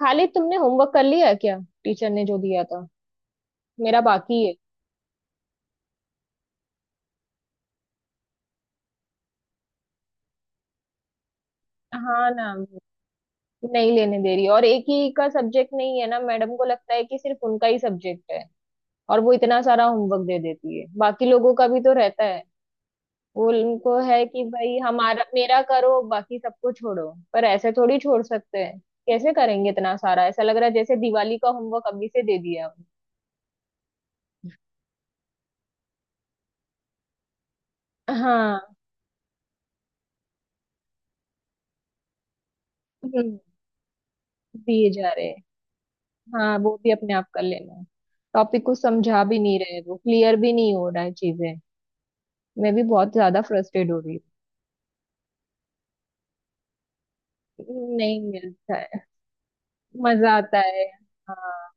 खाली तुमने होमवर्क कर लिया है क्या? टीचर ने जो दिया था। मेरा बाकी है। हाँ ना। नहीं लेने दे रही, और एक ही का सब्जेक्ट नहीं है ना। मैडम को लगता है कि सिर्फ उनका ही सब्जेक्ट है। और वो इतना सारा होमवर्क दे देती है, बाकी लोगों का भी तो रहता है। वो उनको है कि भाई हमारा मेरा करो, बाकी सबको छोड़ो, पर ऐसे थोड़ी छोड़ सकते हैं। कैसे करेंगे इतना सारा? ऐसा लग रहा है जैसे दिवाली का होमवर्क अभी से दे दिया है। हाँ। हम्म, दिए जा रहे हैं। हाँ, वो भी अपने आप कर लेना है। टॉपिक को समझा भी नहीं रहे, वो क्लियर भी नहीं हो रहा है चीजें। मैं भी बहुत ज्यादा फ्रस्ट्रेट हो रही हूँ। नहीं मिलता है। मजा आता है। हाँ,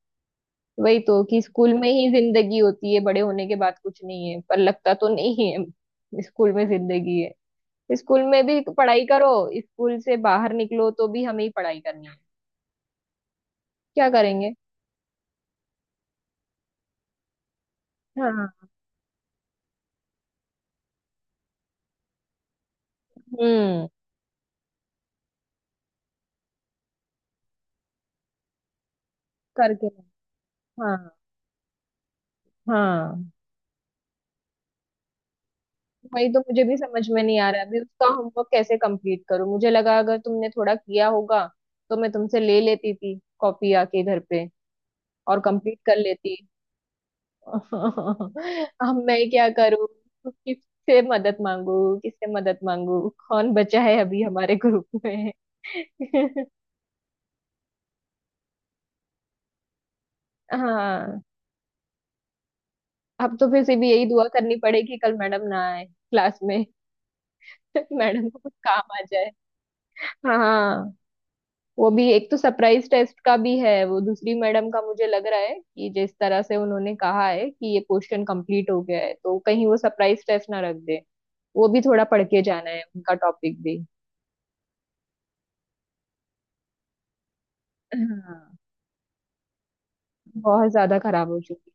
वही तो कि स्कूल में ही जिंदगी होती है, बड़े होने के बाद कुछ नहीं है, पर लगता तो नहीं है स्कूल में जिंदगी है। स्कूल में भी पढ़ाई करो, स्कूल से बाहर निकलो तो भी हमें ही पढ़ाई करनी है। क्या करेंगे? हाँ। हम्म। करके। हाँ। हाँ। वही तो, मुझे भी समझ में नहीं आ रहा है अभी उसका होमवर्क कैसे कंप्लीट करूं। मुझे लगा अगर तुमने थोड़ा किया होगा तो मैं तुमसे ले लेती थी कॉपी आके घर पे। और कंप्लीट कर लेती। अब मैं क्या करूं? किससे मदद मांगू? किससे मदद मांगू? कौन बचा है अभी हमारे ग्रुप में? हाँ, अब तो फिर से भी यही दुआ करनी पड़ेगी कल मैडम ना आए क्लास में। मैडम को कुछ काम आ जाए। हाँ, वो भी एक तो सरप्राइज टेस्ट का भी है, वो दूसरी मैडम का। मुझे लग रहा है कि जिस तरह से उन्होंने कहा है कि ये क्वेश्चन कंप्लीट हो गया है, तो कहीं वो सरप्राइज टेस्ट ना रख दे। वो भी थोड़ा पढ़ के जाना है उनका टॉपिक भी। हाँ। बहुत ज्यादा खराब हो चुकी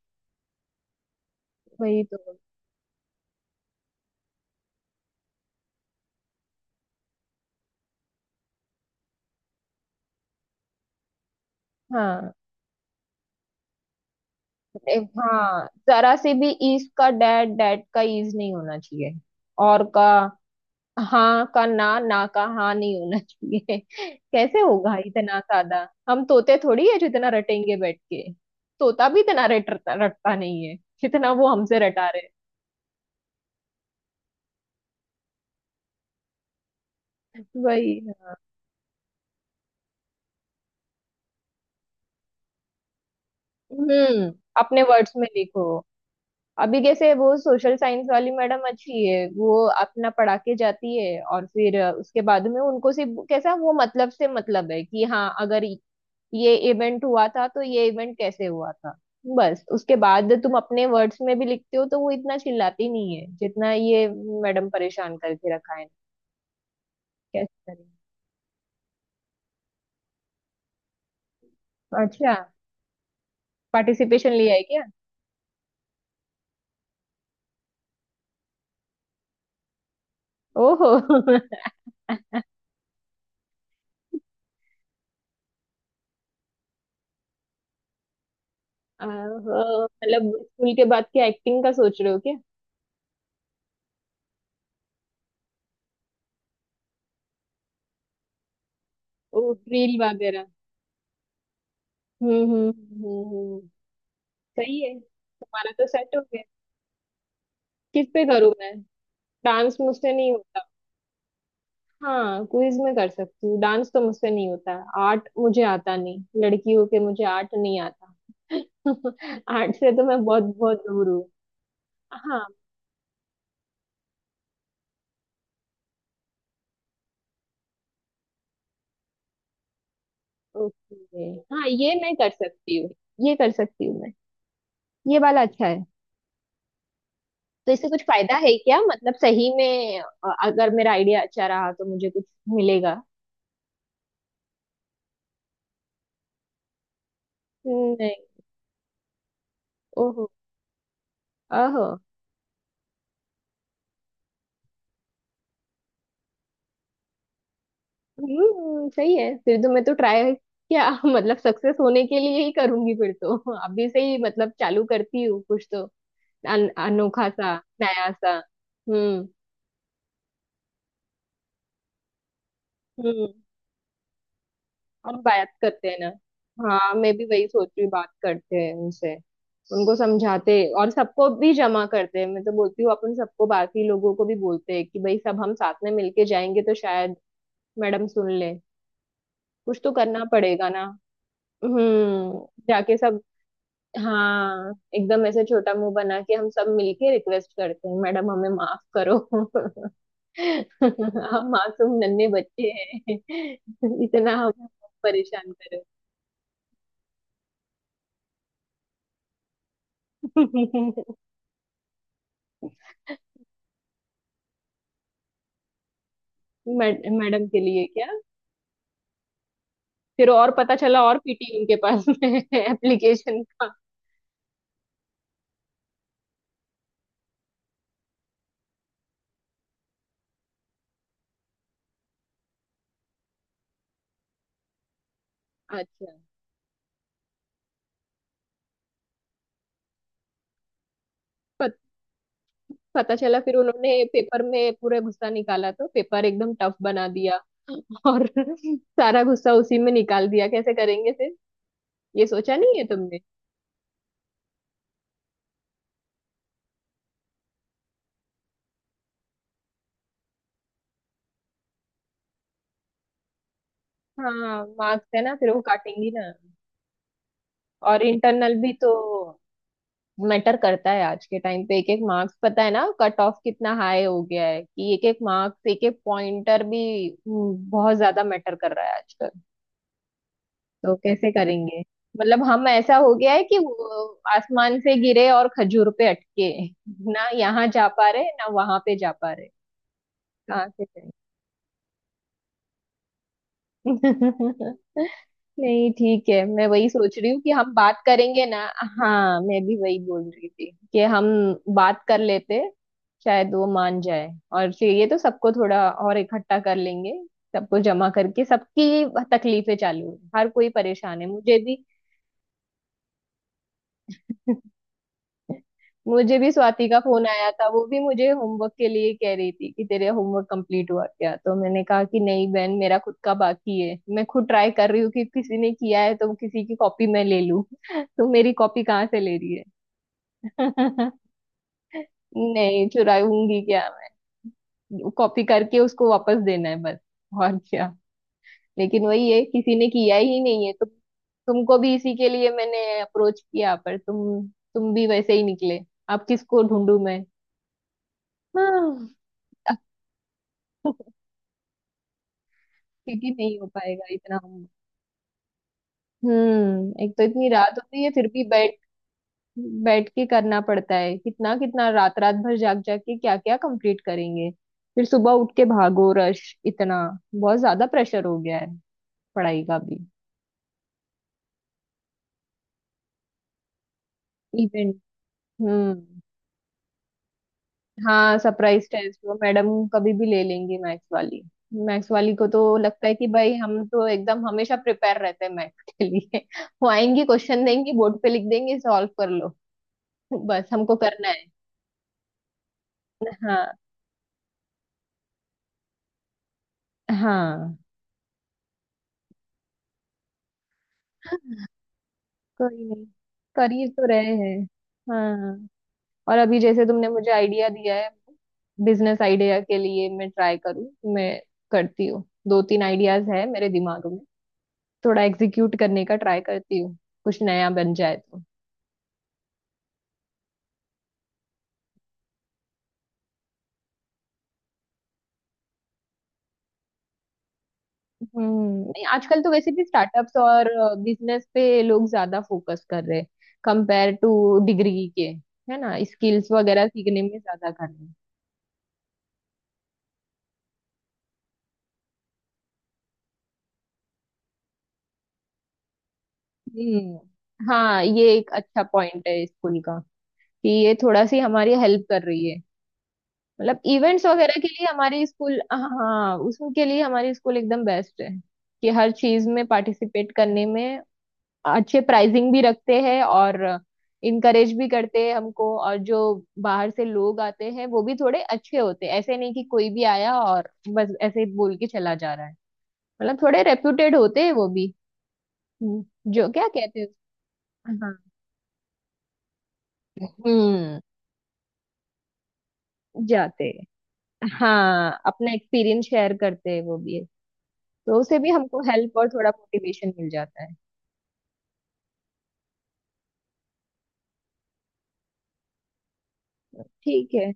है, वही तो। हाँ। हाँ, जरा से भी ईज का डैट, डैट का ईज नहीं होना चाहिए। और का। हाँ का ना, ना का हाँ नहीं होना चाहिए। कैसे होगा इतना सादा? हम तोते थोड़ी है जितना रटेंगे बैठ के। तोता भी इतना रट रटता नहीं है जितना वो हमसे रटा रहे हैं। वही। हम्म अपने वर्ड्स में लिखो। अभी कैसे? वो सोशल साइंस वाली मैडम अच्छी है, वो अपना पढ़ा के जाती है, और फिर उसके बाद में उनको सिर्फ कैसा, वो मतलब से मतलब है कि हाँ अगर ये इवेंट हुआ था तो ये इवेंट कैसे हुआ था। बस उसके बाद तुम अपने वर्ड्स में भी लिखते हो तो वो इतना चिल्लाती नहीं है जितना ये मैडम परेशान करके रखा है। कैसे करें? अच्छा, पार्टिसिपेशन लिया है क्या? ओहो। आहो, मतलब स्कूल के बाद की एक्टिंग का सोच रहे हो क्या? ओ, रील वगैरह। हम्म, हम्म। हम्म, सही है, तुम्हारा तो सेट हो गया। किस पे करूँ मैं? डांस मुझसे नहीं होता। हाँ, क्विज में कर सकती हूँ। डांस तो मुझसे नहीं होता। आर्ट मुझे आता नहीं। लड़की हो के मुझे आर्ट नहीं आता। आर्ट से तो मैं बहुत बहुत दूर हूँ। हाँ। ओके। हाँ, ये मैं कर सकती हूँ। ये कर सकती हूँ मैं। ये वाला अच्छा है। तो इससे कुछ फायदा है क्या? मतलब सही में, अगर मेरा आइडिया अच्छा रहा तो मुझे कुछ मिलेगा? नहीं। ओहो। ओहो। हम्म, सही है, फिर तो मैं तो ट्राई क्या मतलब सक्सेस होने के लिए ही करूंगी फिर तो। अभी से ही मतलब चालू करती हूँ कुछ तो। अनोखा सा, नया सा। हम्म। हम्म। हम बात करते हैं ना। हाँ, मैं भी वही सोच रही हूँ, बात करते हैं उनसे। उनको समझाते हैं और सबको भी जमा करते हैं। मैं तो बोलती हूँ अपन सबको, बाकी लोगों को भी बोलते हैं कि भाई, सब हम साथ में मिलके जाएंगे तो शायद मैडम सुन ले। कुछ तो करना पड़ेगा ना। जाके सब। हाँ, एकदम ऐसे छोटा मुंह बना के हम सब मिलके रिक्वेस्ट करते हैं, मैडम हमें माफ करो। हम मासूम नन्हे बच्चे हैं। इतना हम परेशान करो। मैडम के लिए क्या? फिर और पता चला और पीटी उनके पास में है एप्लीकेशन का। अच्छा। पत, पता चला फिर उन्होंने पेपर में पूरा गुस्सा निकाला, तो पेपर एकदम टफ बना दिया। और सारा गुस्सा उसी में निकाल दिया। कैसे करेंगे फिर? ये सोचा नहीं है तुमने? हाँ, मार्क्स है ना, फिर वो काटेंगी ना। और इंटरनल भी तो मैटर करता है आज के टाइम पे। एक एक मार्क्स पता है ना, कट ऑफ कितना हाई हो गया है कि एक एक मार्क्स, एक एक पॉइंटर भी। बहुत ज्यादा मैटर कर रहा है आजकल। तो कैसे करेंगे? मतलब हम, ऐसा हो गया है कि वो आसमान से गिरे और खजूर पे अटके। ना यहाँ जा पा रहे, ना वहां पे जा पा रहे। कहाँ से करें? नहीं, ठीक है, मैं वही सोच रही हूँ कि हम बात करेंगे ना। हाँ, मैं भी वही बोल रही थी कि हम बात कर लेते, शायद वो मान जाए, और फिर ये तो सबको थोड़ा और इकट्ठा कर लेंगे, सबको जमा करके सबकी तकलीफें चालू हैं, हर कोई परेशान है, मुझे भी। मुझे भी स्वाति का फोन आया था, वो भी मुझे होमवर्क के लिए कह रही थी कि तेरे होमवर्क कंप्लीट हुआ क्या, तो मैंने कहा कि नहीं बहन, मेरा खुद का बाकी है, मैं खुद ट्राई कर रही हूँ कि किसी ने किया है तो किसी की कॉपी मैं ले लूँ। तो मेरी कॉपी कहाँ से ले रही है। नहीं, चुराऊंगी क्या? मैं कॉपी करके उसको वापस देना है बस। और क्या? लेकिन वही है, किसी ने किया ही नहीं है। तुम, तुमको भी इसी के लिए मैंने अप्रोच किया, पर तुम भी वैसे ही निकले। अब किसको ढूंढूं मैं? हाँ। क्योंकि नहीं हो पाएगा इतना हम। हम्म, एक तो इतनी रात होती है, फिर भी बैठ बैठ के करना पड़ता है, कितना कितना रात रात भर जाग जाग के क्या क्या कंप्लीट करेंगे। फिर सुबह उठ के भागो, रश इतना। बहुत ज्यादा प्रेशर हो गया है पढ़ाई का भी। इवेंट। हम्म। हाँ, सरप्राइज टेस्ट वो मैडम कभी भी ले लेंगी, मैथ्स वाली। मैथ्स वाली को तो लगता है कि भाई हम तो एकदम हमेशा प्रिपेयर रहते हैं मैथ्स के लिए। वो आएंगी, क्वेश्चन देंगी, बोर्ड पे लिख देंगे, सॉल्व कर लो। बस हमको करना है। हाँ, हाँ, कोई नहीं, कर ही तो रहे हैं। हाँ, हाँ। और अभी जैसे तुमने मुझे आइडिया दिया है बिजनेस आइडिया के लिए, मैं ट्राई करूँ। मैं करती हूँ, दो तीन आइडियाज है मेरे दिमाग में, थोड़ा एग्जीक्यूट करने का ट्राई करती हूँ, कुछ नया बन जाए तो। हम्म। नहीं, आजकल तो वैसे भी स्टार्टअप्स और बिजनेस पे लोग ज्यादा फोकस कर रहे हैं, कंपेयर टू डिग्री के, है ना? स्किल्स वगैरह सीखने में ज्यादा कर रहे हैं। हम्म। हाँ, ये एक अच्छा पॉइंट है स्कूल का कि ये थोड़ा सी हमारी हेल्प कर रही है। मतलब इवेंट्स वगैरह के लिए हमारी स्कूल, हाँ, उसके लिए हमारी स्कूल एकदम बेस्ट है। कि हर चीज में पार्टिसिपेट करने में अच्छे प्राइजिंग भी रखते हैं, और इनकरेज भी करते हैं हमको। और जो बाहर से लोग आते हैं वो भी थोड़े अच्छे होते हैं, ऐसे नहीं कि कोई भी आया और बस ऐसे ही बोल के चला जा रहा है। मतलब थोड़े रेप्यूटेड होते हैं वो भी। हम्म, जो क्या कहते हैं। हाँ। हम्म जाते। हाँ, अपना एक्सपीरियंस शेयर करते हैं वो भी है, तो उसे भी हमको हेल्प और थोड़ा मोटिवेशन मिल जाता है। ठीक है।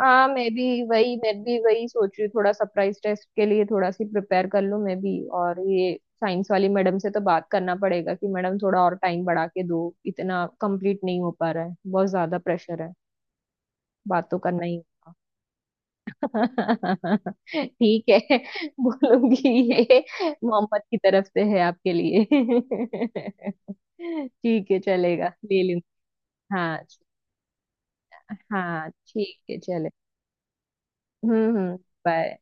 हाँ, मैं भी वही सोच रही हूँ, थोड़ा सरप्राइज टेस्ट के लिए थोड़ा सी प्रिपेयर कर लूँ मैं भी। और ये साइंस वाली मैडम से तो बात करना पड़ेगा कि मैडम थोड़ा और टाइम बढ़ा के दो, इतना कंप्लीट नहीं हो पा रहा है, बहुत ज्यादा प्रेशर है। बात तो करना ही है। ठीक है। बोलूंगी, ये मोहम्मद की तरफ से है आपके लिए। ठीक है, चलेगा, ले लूंगी। हाँ। हाँ, ठीक है, चले। हम्म, हम्म। बाय।